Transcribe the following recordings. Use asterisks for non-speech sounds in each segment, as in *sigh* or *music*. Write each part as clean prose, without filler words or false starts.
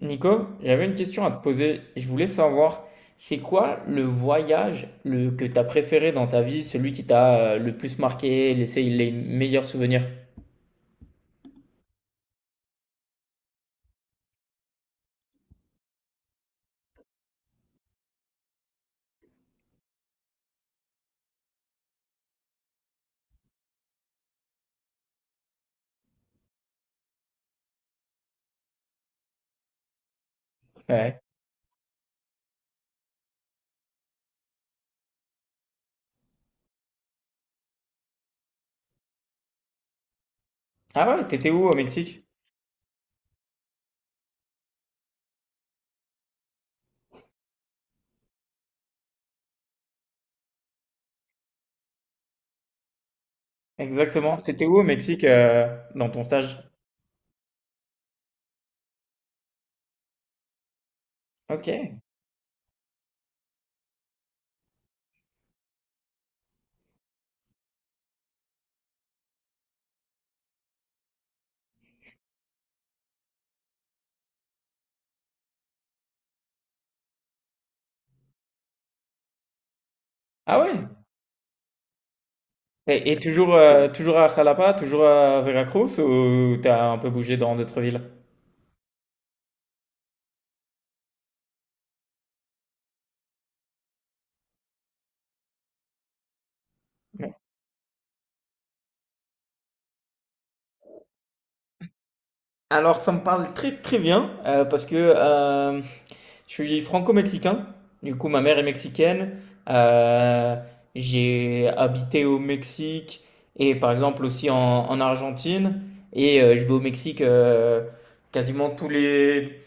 Nico, j'avais une question à te poser. Je voulais savoir, c'est quoi le voyage que tu as préféré dans ta vie, celui qui t'a le plus marqué, laissé les meilleurs souvenirs? Ouais. Ah ouais, t'étais où au Mexique? Exactement. T'étais où au Mexique dans ton stage? Ok. Ah ouais. Et toujours, toujours à Jalapa, toujours à Veracruz ou t'as un peu bougé dans d'autres villes? Ouais. Alors ça me parle très très bien parce que je suis franco-mexicain. Du coup, ma mère est mexicaine. Euh, j'ai habité au Mexique et par exemple aussi en Argentine. Et je vais au Mexique quasiment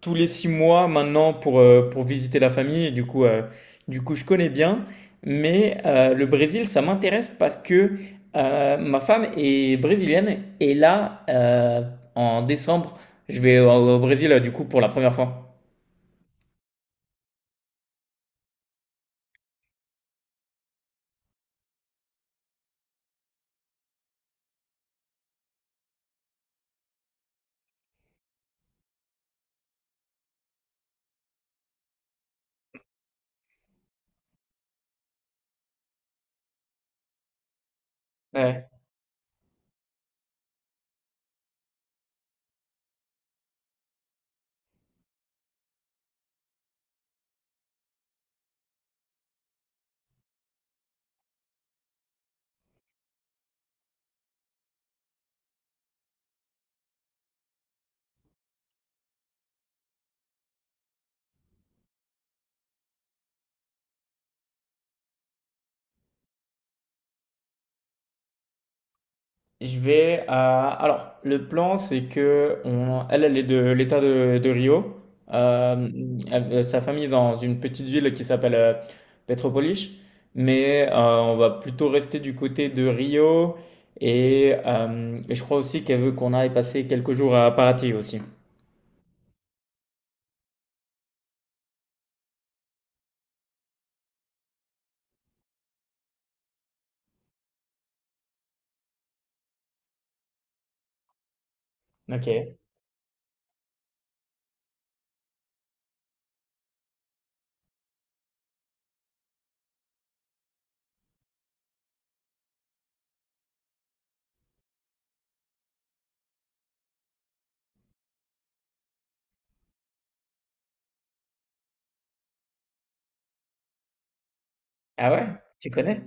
tous les 6 mois maintenant pour visiter la famille. Et du coup, je connais bien. Mais le Brésil, ça m'intéresse parce que ma femme est brésilienne. Et là, en décembre, je vais au Brésil du coup pour la première fois. Ouais. Je vais à... Alors, le plan, c'est que on... elle, elle est de l'État de Rio. Euh, sa famille est dans une petite ville qui s'appelle Petropolis. Mais on va plutôt rester du côté de Rio. Et je crois aussi qu'elle veut qu'on aille passer quelques jours à Paraty aussi. Ok. Ah ouais? Tu connais?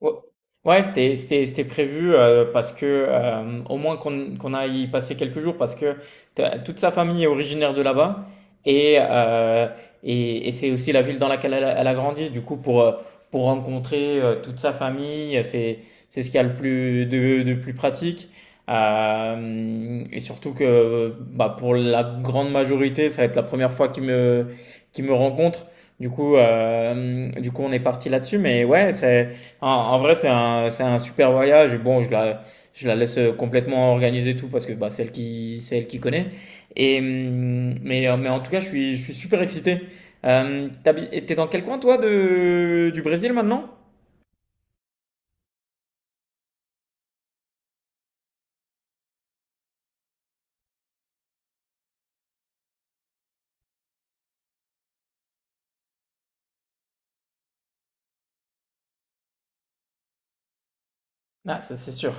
Ouais, ouais, c'était prévu parce que au moins qu'on qu'on aille y passer quelques jours parce que t'as- toute sa famille est originaire de là-bas et et c'est aussi la ville dans laquelle elle a grandi. Du coup, pour rencontrer toute sa famille, c'est ce qu'il y a le plus de plus pratique. Et surtout que bah, pour la grande majorité, ça va être la première fois qu'ils me rencontrent. Du coup, on est parti là-dessus. Mais ouais, c'est en, en vrai, c'est c'est un super voyage. Bon, je la laisse complètement organiser tout parce que bah, c'est elle qui connaît. Et, mais en tout cas, je suis super excité. T'es dans quel coin, toi, du Brésil maintenant? Ah, ça, c'est sûr.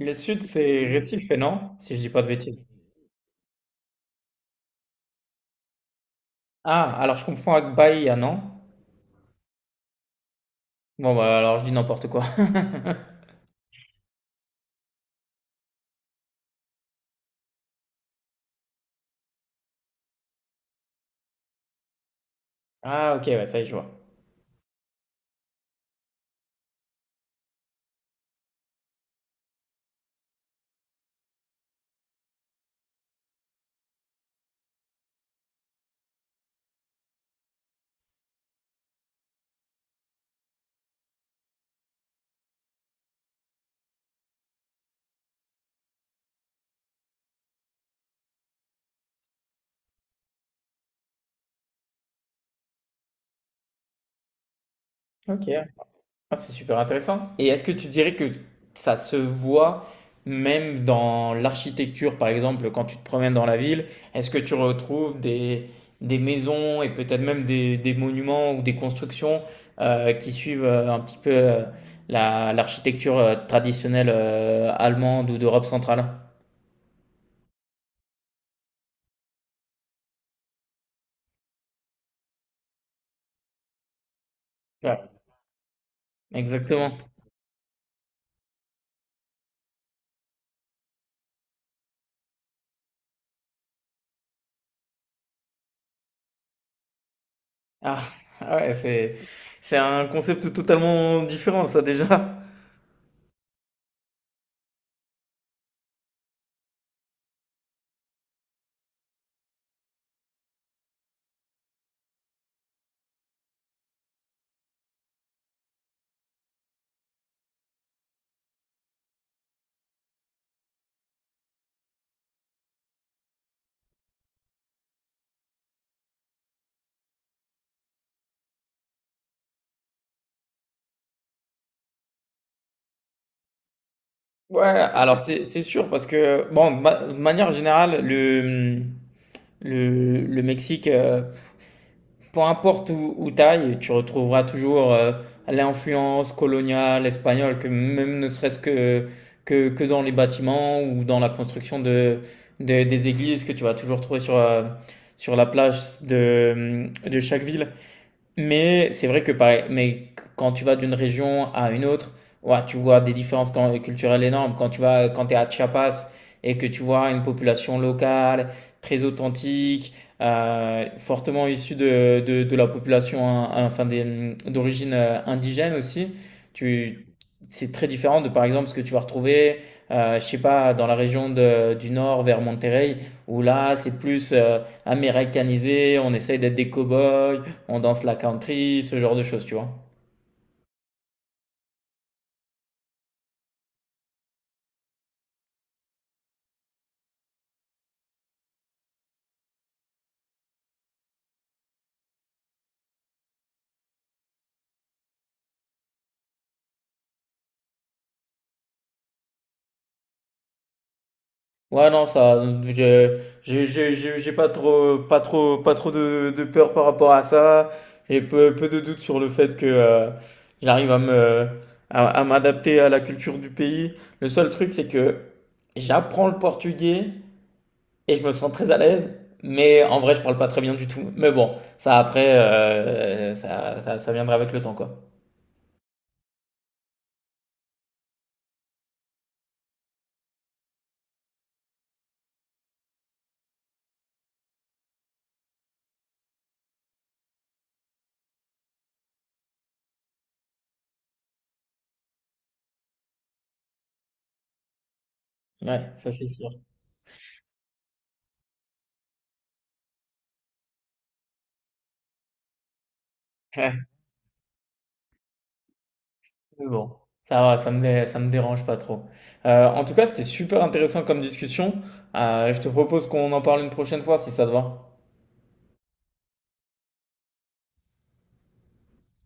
Le sud, c'est Recife, non? Si je dis pas de bêtises. Ah, alors je confonds avec Bahia, non? Bon, bah alors je dis n'importe quoi. *laughs* Ah, ok, ouais, ça y est, je vois. Ok. Ah, c'est super intéressant. Et est-ce que tu dirais que ça se voit même dans l'architecture, par exemple, quand tu te promènes dans la ville, est-ce que tu retrouves des maisons et peut-être même des monuments ou des constructions qui suivent un petit peu l'architecture traditionnelle allemande ou d'Europe centrale? Ouais, exactement. Ah, *laughs* ah ouais, c'est un concept totalement différent, ça déjà. Ouais, alors c'est sûr parce que bon, de manière générale, le Mexique, peu importe où, où t'ailles, tu retrouveras toujours l'influence coloniale espagnole, que même ne serait-ce que, que dans les bâtiments ou dans la construction des églises que tu vas toujours trouver sur sur la plage de chaque ville. Mais c'est vrai que pareil, mais quand tu vas d'une région à une autre, ouais, tu vois des différences culturelles énormes. Quand tu vas, quand t'es à Chiapas et que tu vois une population locale très authentique, fortement issue de la population, hein, enfin d'origine indigène aussi, tu, c'est très différent de par exemple ce que tu vas retrouver, je sais pas, dans la région du nord vers Monterrey, où là c'est plus américanisé, on essaye d'être des cow-boys, on danse la country, ce genre de choses, tu vois. Ouais, non, ça, j'ai pas pas trop de peur par rapport à ça. J'ai peu de doutes sur le fait que j'arrive à à m'adapter à la culture du pays. Le seul truc, c'est que j'apprends le portugais et je me sens très à l'aise, mais en vrai, je parle pas très bien du tout. Mais bon, ça après, ça viendra avec le temps, quoi. Ouais, ça c'est sûr. *laughs* Mais bon, ça va, ça me dérange pas trop. En tout cas, c'était super intéressant comme discussion. Je te propose qu'on en parle une prochaine fois si ça te va.